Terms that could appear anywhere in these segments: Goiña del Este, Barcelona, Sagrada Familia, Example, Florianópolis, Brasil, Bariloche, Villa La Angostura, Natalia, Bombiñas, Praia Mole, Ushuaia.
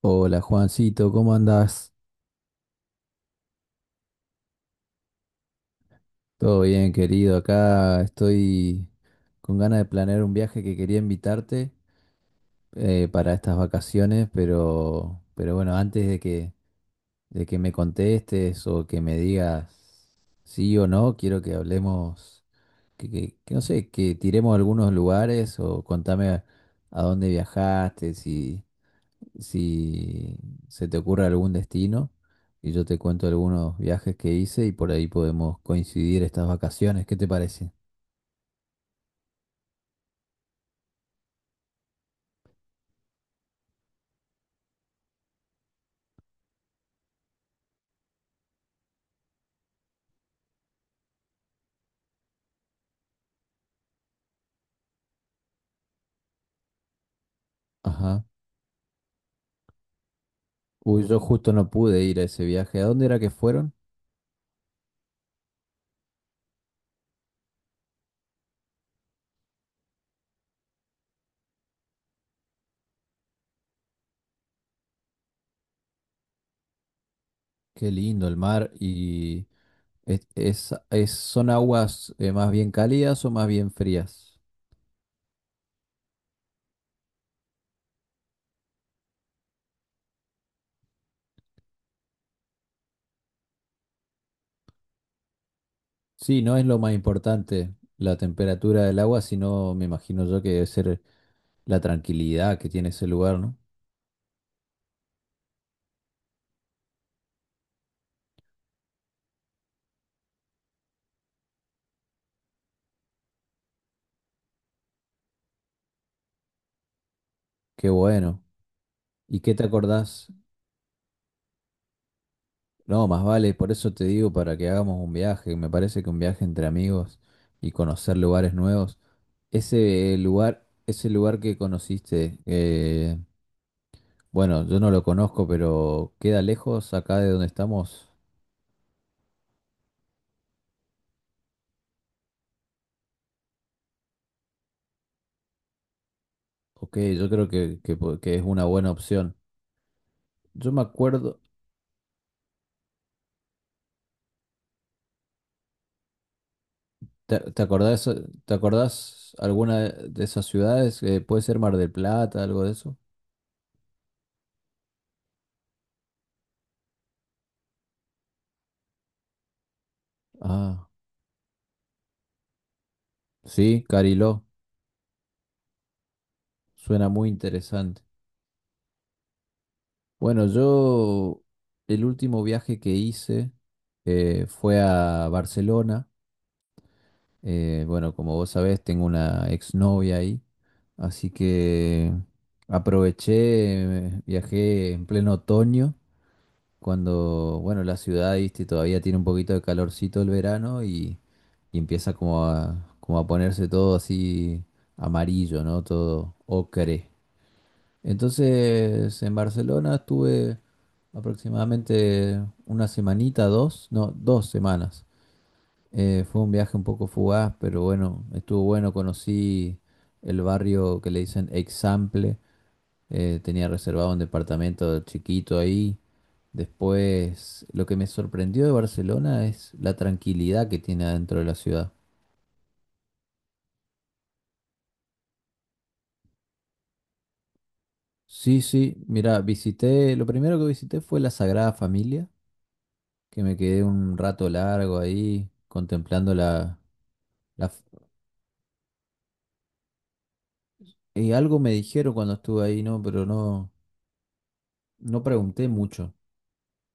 Hola Juancito, ¿cómo andás? Todo bien, querido. Acá estoy con ganas de planear un viaje que quería invitarte para estas vacaciones, pero bueno, antes de que me contestes o que me digas sí o no, quiero que hablemos, que no sé, que tiremos algunos lugares o contame a dónde viajaste, si se te ocurre algún destino y yo te cuento algunos viajes que hice y por ahí podemos coincidir estas vacaciones. ¿Qué te parece? Ajá. Uy, yo justo no pude ir a ese viaje. ¿A dónde era que fueron? Qué lindo el mar. ¿Son aguas más bien cálidas o más bien frías? Sí, no es lo más importante la temperatura del agua, sino me imagino yo que debe ser la tranquilidad que tiene ese lugar, ¿no? Qué bueno. ¿Y qué te acordás? No, más vale, por eso te digo, para que hagamos un viaje. Me parece que un viaje entre amigos y conocer lugares nuevos. Ese lugar que conociste, bueno, yo no lo conozco, pero ¿queda lejos acá de donde estamos? Ok, yo creo que, que es una buena opción. Yo me acuerdo, ¿te, te acordás, te acordás alguna de esas ciudades? Puede ser Mar del Plata, algo de eso. Ah, sí, Cariló, suena muy interesante. Bueno, yo el último viaje que hice fue a Barcelona. Bueno, como vos sabés, tengo una exnovia ahí, así que aproveché, viajé en pleno otoño, cuando, bueno, la ciudad, viste, todavía tiene un poquito de calorcito el verano y empieza como a ponerse todo así amarillo, ¿no? Todo ocre. Entonces, en Barcelona estuve aproximadamente una semanita, dos, no, dos semanas. Fue un viaje un poco fugaz, pero bueno, estuvo bueno. Conocí el barrio que le dicen Example. Tenía reservado un departamento chiquito ahí. Después, lo que me sorprendió de Barcelona es la tranquilidad que tiene adentro de la ciudad. Sí, sí, mira, lo primero que visité fue la Sagrada Familia que me quedé un rato largo ahí contemplando la... f- Y algo me dijeron cuando estuve ahí, ¿no? Pero no, no pregunté mucho.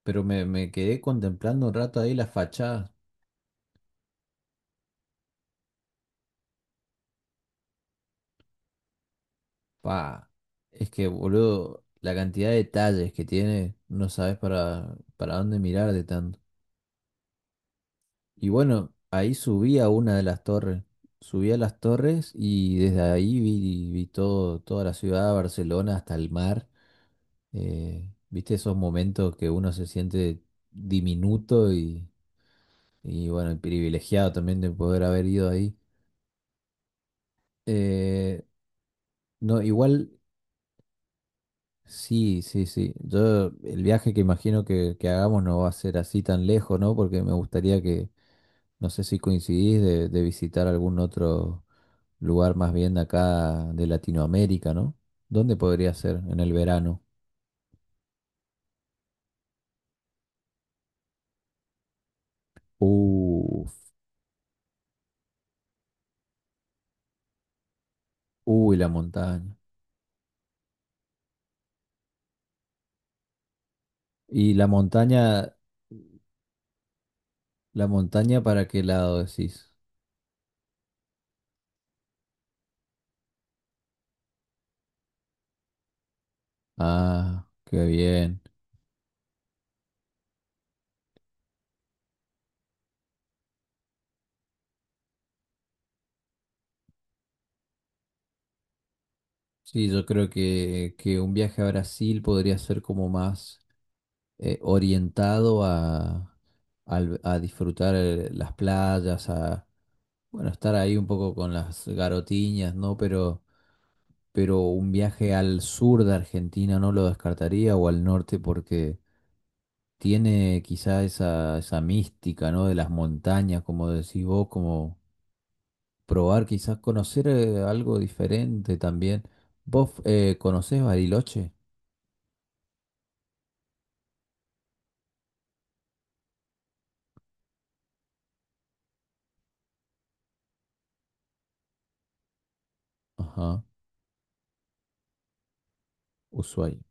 Me quedé contemplando un rato ahí las fachadas. Pa, es que, boludo, la cantidad de detalles que tiene, no sabes para dónde mirar de tanto. Y bueno, ahí subí a una de las torres. Subí a las torres y desde ahí vi todo, toda la ciudad, Barcelona, hasta el mar. ¿Viste esos momentos que uno se siente diminuto y, bueno, privilegiado también de poder haber ido ahí? Eh, no, igual, sí, sí, sí. Yo, el viaje que imagino que hagamos no va a ser así tan lejos, ¿no? Porque me gustaría que, no sé si coincidís, de visitar algún otro lugar más bien de acá de Latinoamérica, ¿no? ¿Dónde podría ser en el verano? Uf, uy, la montaña. Y la montaña, ¿la montaña para qué lado decís? Ah, qué bien. Sí, yo creo que un viaje a Brasil podría ser como más orientado a, a disfrutar las playas, a bueno, estar ahí un poco con las garotiñas, ¿no? Pero un viaje al sur de Argentina no lo descartaría o al norte porque tiene quizá esa mística, ¿no? De las montañas, como decís vos, como probar, quizás conocer algo diferente también. ¿Vos conocés Bariloche? Ajá, Ushuaia.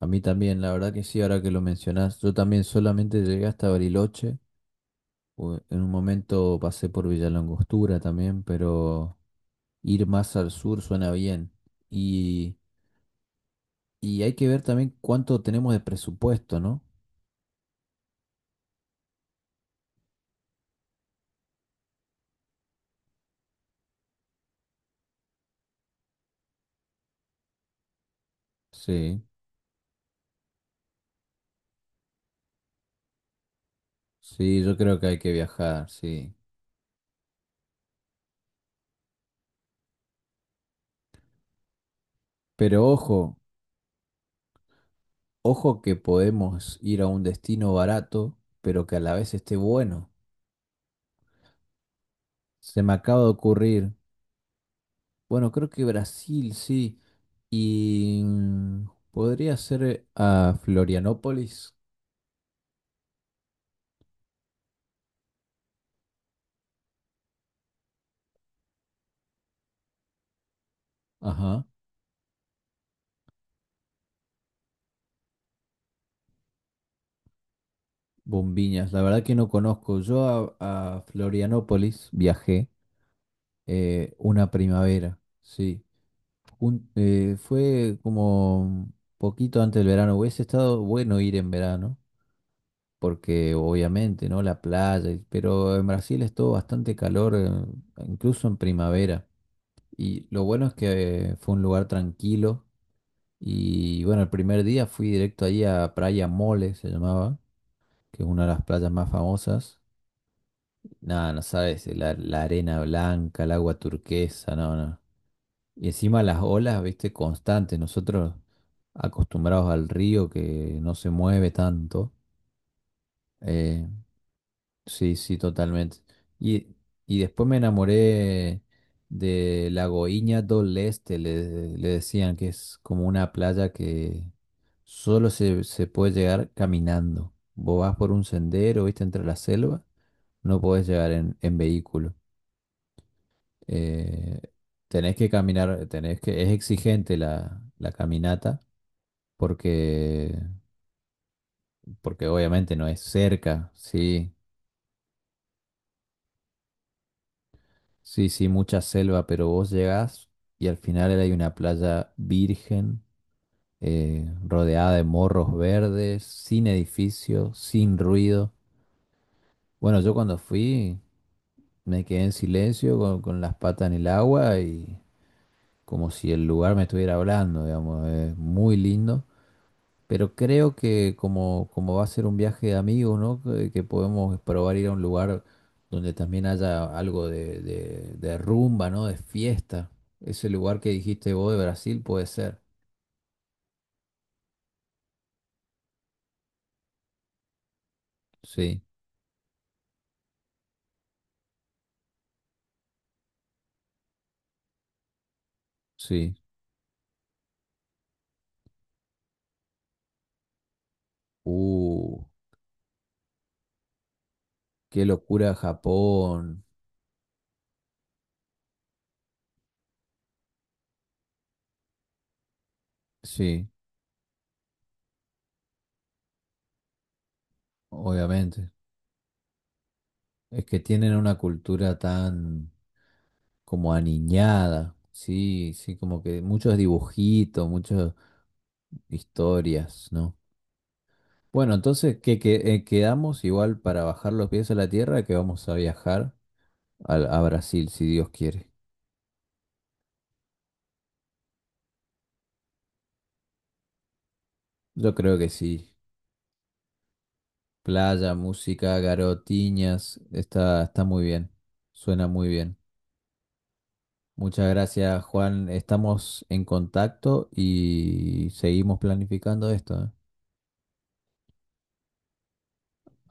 A mí también, la verdad que sí, ahora que lo mencionás, yo también solamente llegué hasta Bariloche. En un momento pasé por Villa La Angostura también, pero ir más al sur suena bien. Y, y hay que ver también cuánto tenemos de presupuesto, ¿no? Sí, sí, yo creo que hay que viajar, sí. Pero ojo. Ojo que podemos ir a un destino barato, pero que a la vez esté bueno. Se me acaba de ocurrir. Bueno, creo que Brasil, sí. Y podría ser a Florianópolis. Ajá. Bombiñas. La verdad que no conozco. Yo a Florianópolis viajé una primavera. Sí. Fue como poquito antes del verano. Hubiese estado bueno ir en verano porque obviamente, ¿no? La playa, pero en Brasil es todo bastante calor, incluso en primavera. Y lo bueno es que fue un lugar tranquilo. Y bueno, el primer día fui directo ahí a Praia Mole, se llamaba, que es una de las playas más famosas. Nada, no sabes, la arena blanca, el agua turquesa, no, no. Y encima las olas, viste, constantes. Nosotros acostumbrados al río que no se mueve tanto. eh, Sí, sí, totalmente. Y, y después me enamoré de la Goiña del Este, le decían que es como una playa que se puede llegar caminando. Vos vas por un sendero, viste, entre la selva, no podés llegar en vehículo. Eh, Tenés que caminar, tenés que, es exigente la caminata porque, porque obviamente no es cerca, sí. Sí, sí, mucha selva, pero vos llegás y al final hay una playa virgen, rodeada de morros verdes, sin edificio, sin ruido. Bueno, yo cuando fui me quedé en silencio con las patas en el agua y como si el lugar me estuviera hablando, digamos, es muy lindo. Pero creo que como, como va a ser un viaje de amigos, ¿no? Que podemos probar ir a un lugar donde también haya algo de rumba, ¿no? De fiesta. Ese lugar que dijiste vos de Brasil puede ser. Sí, sí. Uh, qué locura Japón. Sí, obviamente. Es que tienen una cultura tan como aniñada. Sí, sí, como que muchos dibujitos, muchas historias, ¿no? Bueno, entonces quedamos igual para bajar los pies a la tierra que vamos a viajar a Brasil, si Dios quiere. Yo creo que sí. Playa, música, garotinas, está muy bien. Suena muy bien. Muchas gracias, Juan. Estamos en contacto y seguimos planificando esto, ¿eh?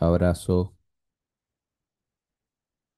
Abrazo.